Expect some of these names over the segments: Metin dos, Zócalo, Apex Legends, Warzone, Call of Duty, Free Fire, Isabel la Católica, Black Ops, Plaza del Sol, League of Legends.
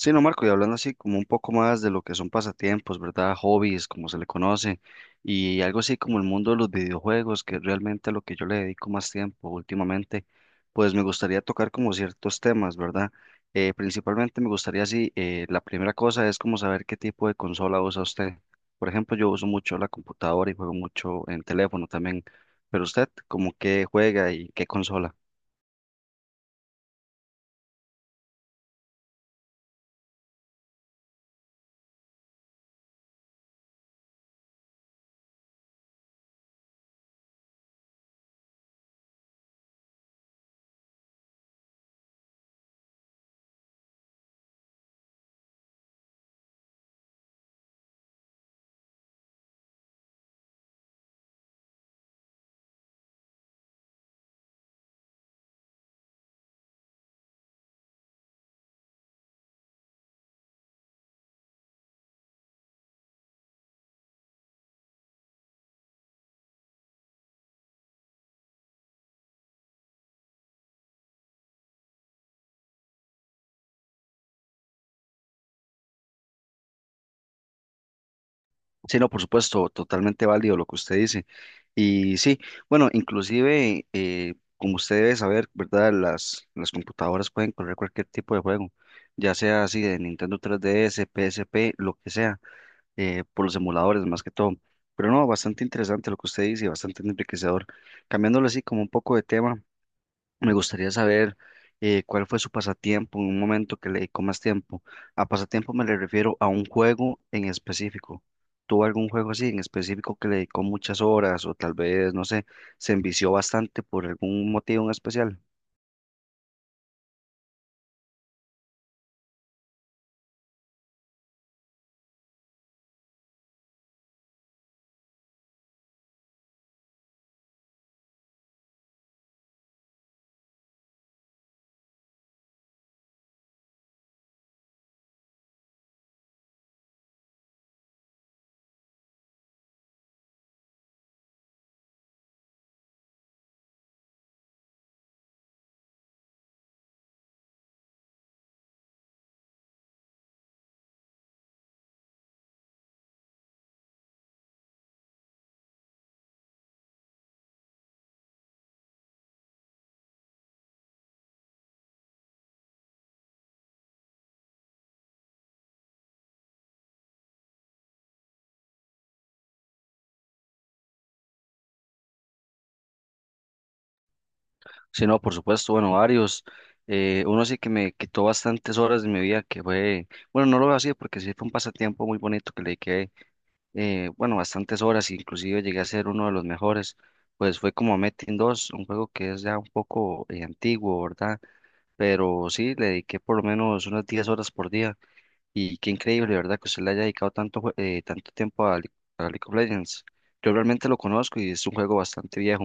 Sí, no, Marco, y hablando así como un poco más de lo que son pasatiempos, ¿verdad? Hobbies, como se le conoce, y algo así como el mundo de los videojuegos, que es realmente a lo que yo le dedico más tiempo últimamente, pues me gustaría tocar como ciertos temas, ¿verdad? Principalmente me gustaría así, la primera cosa es como saber qué tipo de consola usa usted. Por ejemplo, yo uso mucho la computadora y juego mucho en teléfono también, pero usted, ¿como qué juega y qué consola? Sí, no, por supuesto, totalmente válido lo que usted dice. Y sí, bueno, inclusive, como usted debe saber, ¿verdad? Las computadoras pueden correr cualquier tipo de juego, ya sea así de Nintendo 3DS, PSP, lo que sea, por los emuladores más que todo. Pero no, bastante interesante lo que usted dice, y bastante enriquecedor. Cambiándolo así como un poco de tema, me gustaría saber cuál fue su pasatiempo en un momento que le dedicó más tiempo. A pasatiempo me le refiero a un juego en específico. ¿Tuvo algún juego así en específico que le dedicó muchas horas o tal vez, no sé, se envició bastante por algún motivo en especial? Sí, no, por supuesto, bueno, varios. Uno sí que me quitó bastantes horas de mi vida, que fue, bueno, no lo veo así porque sí fue un pasatiempo muy bonito que le dediqué bueno, bastantes horas, inclusive llegué a ser uno de los mejores, pues fue como Metin dos, un juego que es ya un poco antiguo, ¿verdad? Pero sí, le dediqué por lo menos unas 10 horas por día. Y qué increíble, ¿verdad? Que usted le haya dedicado tanto, tanto tiempo a, a League of Legends. Yo realmente lo conozco y es un juego bastante viejo.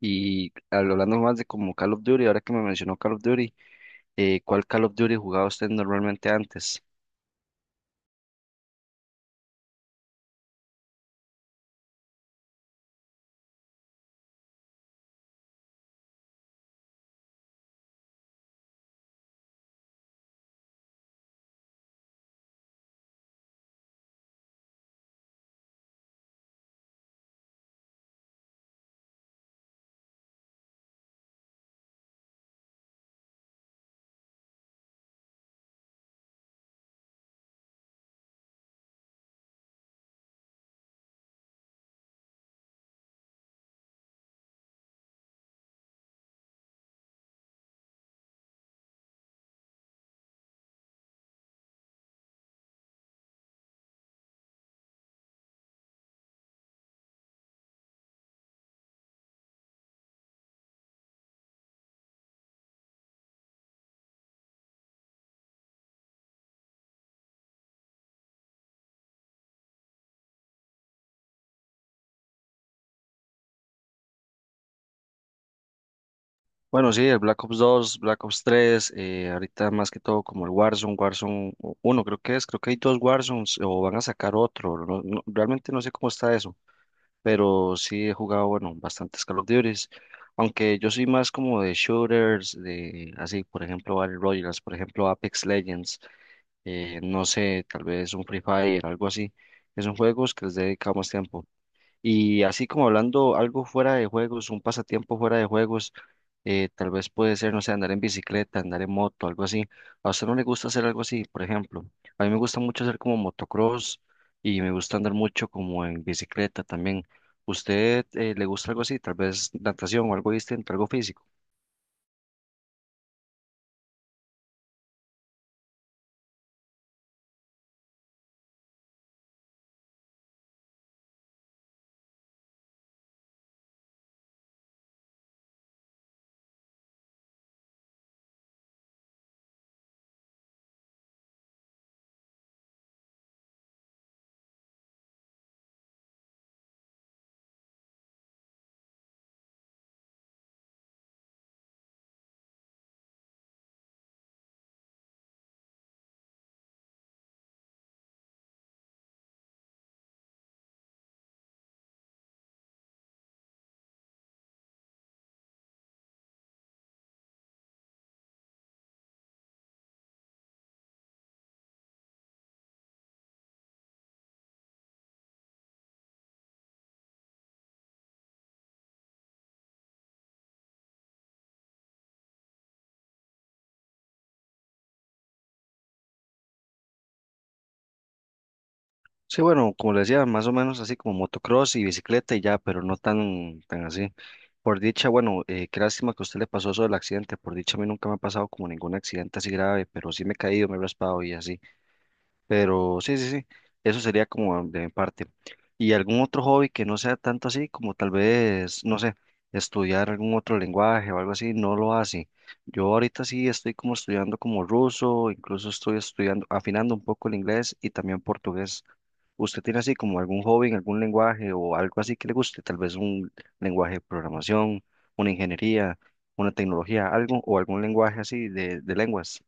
Y hablando más de como Call of Duty, ahora que me mencionó Call of Duty, ¿cuál Call of Duty jugaba usted normalmente antes? Bueno, sí, el Black Ops dos, Black Ops tres, ahorita más que todo como el Warzone, Warzone uno, creo que es, creo que hay dos Warzones o van a sacar otro, realmente no sé cómo está eso, pero sí he jugado, bueno, bastantes Call of Duties, aunque yo soy más como de shooters, de así, por ejemplo, Battle Royales, por ejemplo, Apex Legends, no sé, tal vez un Free Fire, algo así, que son juegos que les he dedicado más tiempo. Y así como hablando algo fuera de juegos, un pasatiempo fuera de juegos, tal vez puede ser, no sé, andar en bicicleta, andar en moto, algo así. A usted no le gusta hacer algo así, por ejemplo. A mí me gusta mucho hacer como motocross y me gusta andar mucho como en bicicleta también. ¿Usted le gusta algo así? Tal vez natación o algo distinto, algo físico. Sí, bueno, como les decía, más o menos así como motocross y bicicleta y ya, pero no tan así. Por dicha, bueno, qué lástima que a usted le pasó eso del accidente. Por dicha, a mí nunca me ha pasado como ningún accidente así grave, pero sí me he caído, me he raspado y así. Pero sí, sí, sí, eso sería como de mi parte. ¿Y algún otro hobby que no sea tanto así, como tal vez, no sé, estudiar algún otro lenguaje o algo así? No lo hace. Yo ahorita sí estoy como estudiando como ruso, incluso estoy estudiando, afinando un poco el inglés y también portugués. ¿Usted tiene así como algún hobby en algún lenguaje o algo así que le guste? Tal vez un lenguaje de programación, una ingeniería, una tecnología, algo o algún lenguaje así de lenguas.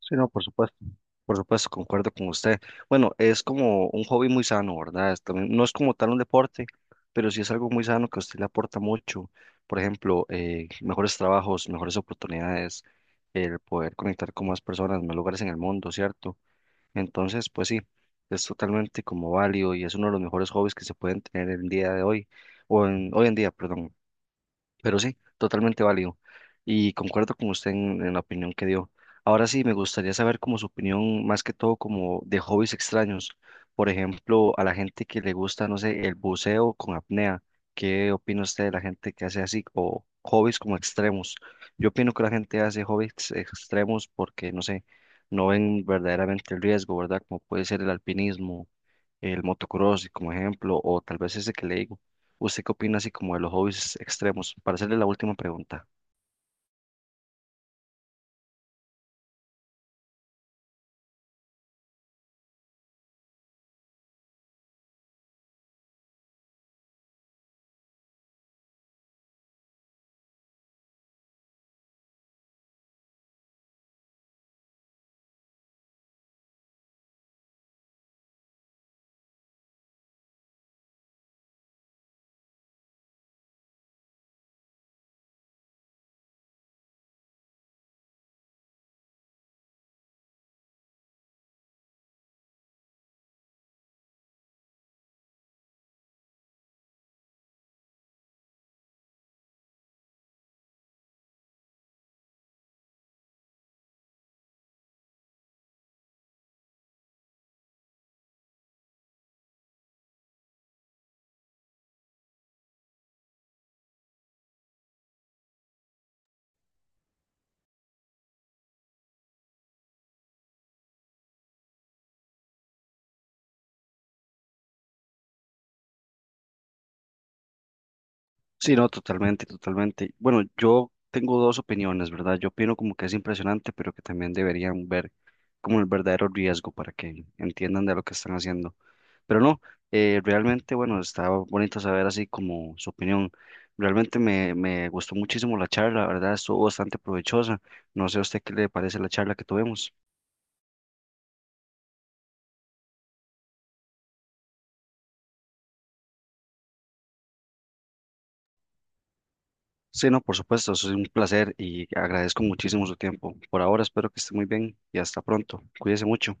Sí, no, por supuesto. Por supuesto, concuerdo con usted. Bueno, es como un hobby muy sano, ¿verdad? Es también, no es como tal un deporte, pero sí es algo muy sano que a usted le aporta mucho. Por ejemplo, mejores trabajos, mejores oportunidades, el poder conectar con más personas, más lugares en el mundo, ¿cierto? Entonces, pues sí, es totalmente como válido y es uno de los mejores hobbies que se pueden tener el día de hoy, o en, hoy en día, perdón. Pero sí, totalmente válido. Y concuerdo con usted en la opinión que dio. Ahora sí, me gustaría saber como su opinión, más que todo como de hobbies extraños. Por ejemplo, a la gente que le gusta, no sé, el buceo con apnea. ¿Qué opina usted de la gente que hace así? O hobbies como extremos. Yo opino que la gente hace hobbies extremos porque, no sé, no ven verdaderamente el riesgo, ¿verdad? Como puede ser el alpinismo, el motocross, como ejemplo, o tal vez ese que le digo. ¿Usted qué opina así como de los hobbies extremos? Para hacerle la última pregunta. Sí, no, totalmente, totalmente. Bueno, yo tengo dos opiniones, ¿verdad? Yo opino como que es impresionante, pero que también deberían ver como el verdadero riesgo para que entiendan de lo que están haciendo. Pero no, realmente, bueno, está bonito saber así como su opinión. Realmente me gustó muchísimo la charla, la verdad, estuvo bastante provechosa. No sé a usted qué le parece la charla que tuvimos. Sí, no, por supuesto, eso es un placer y agradezco muchísimo su tiempo. Por ahora espero que esté muy bien y hasta pronto. Cuídese mucho.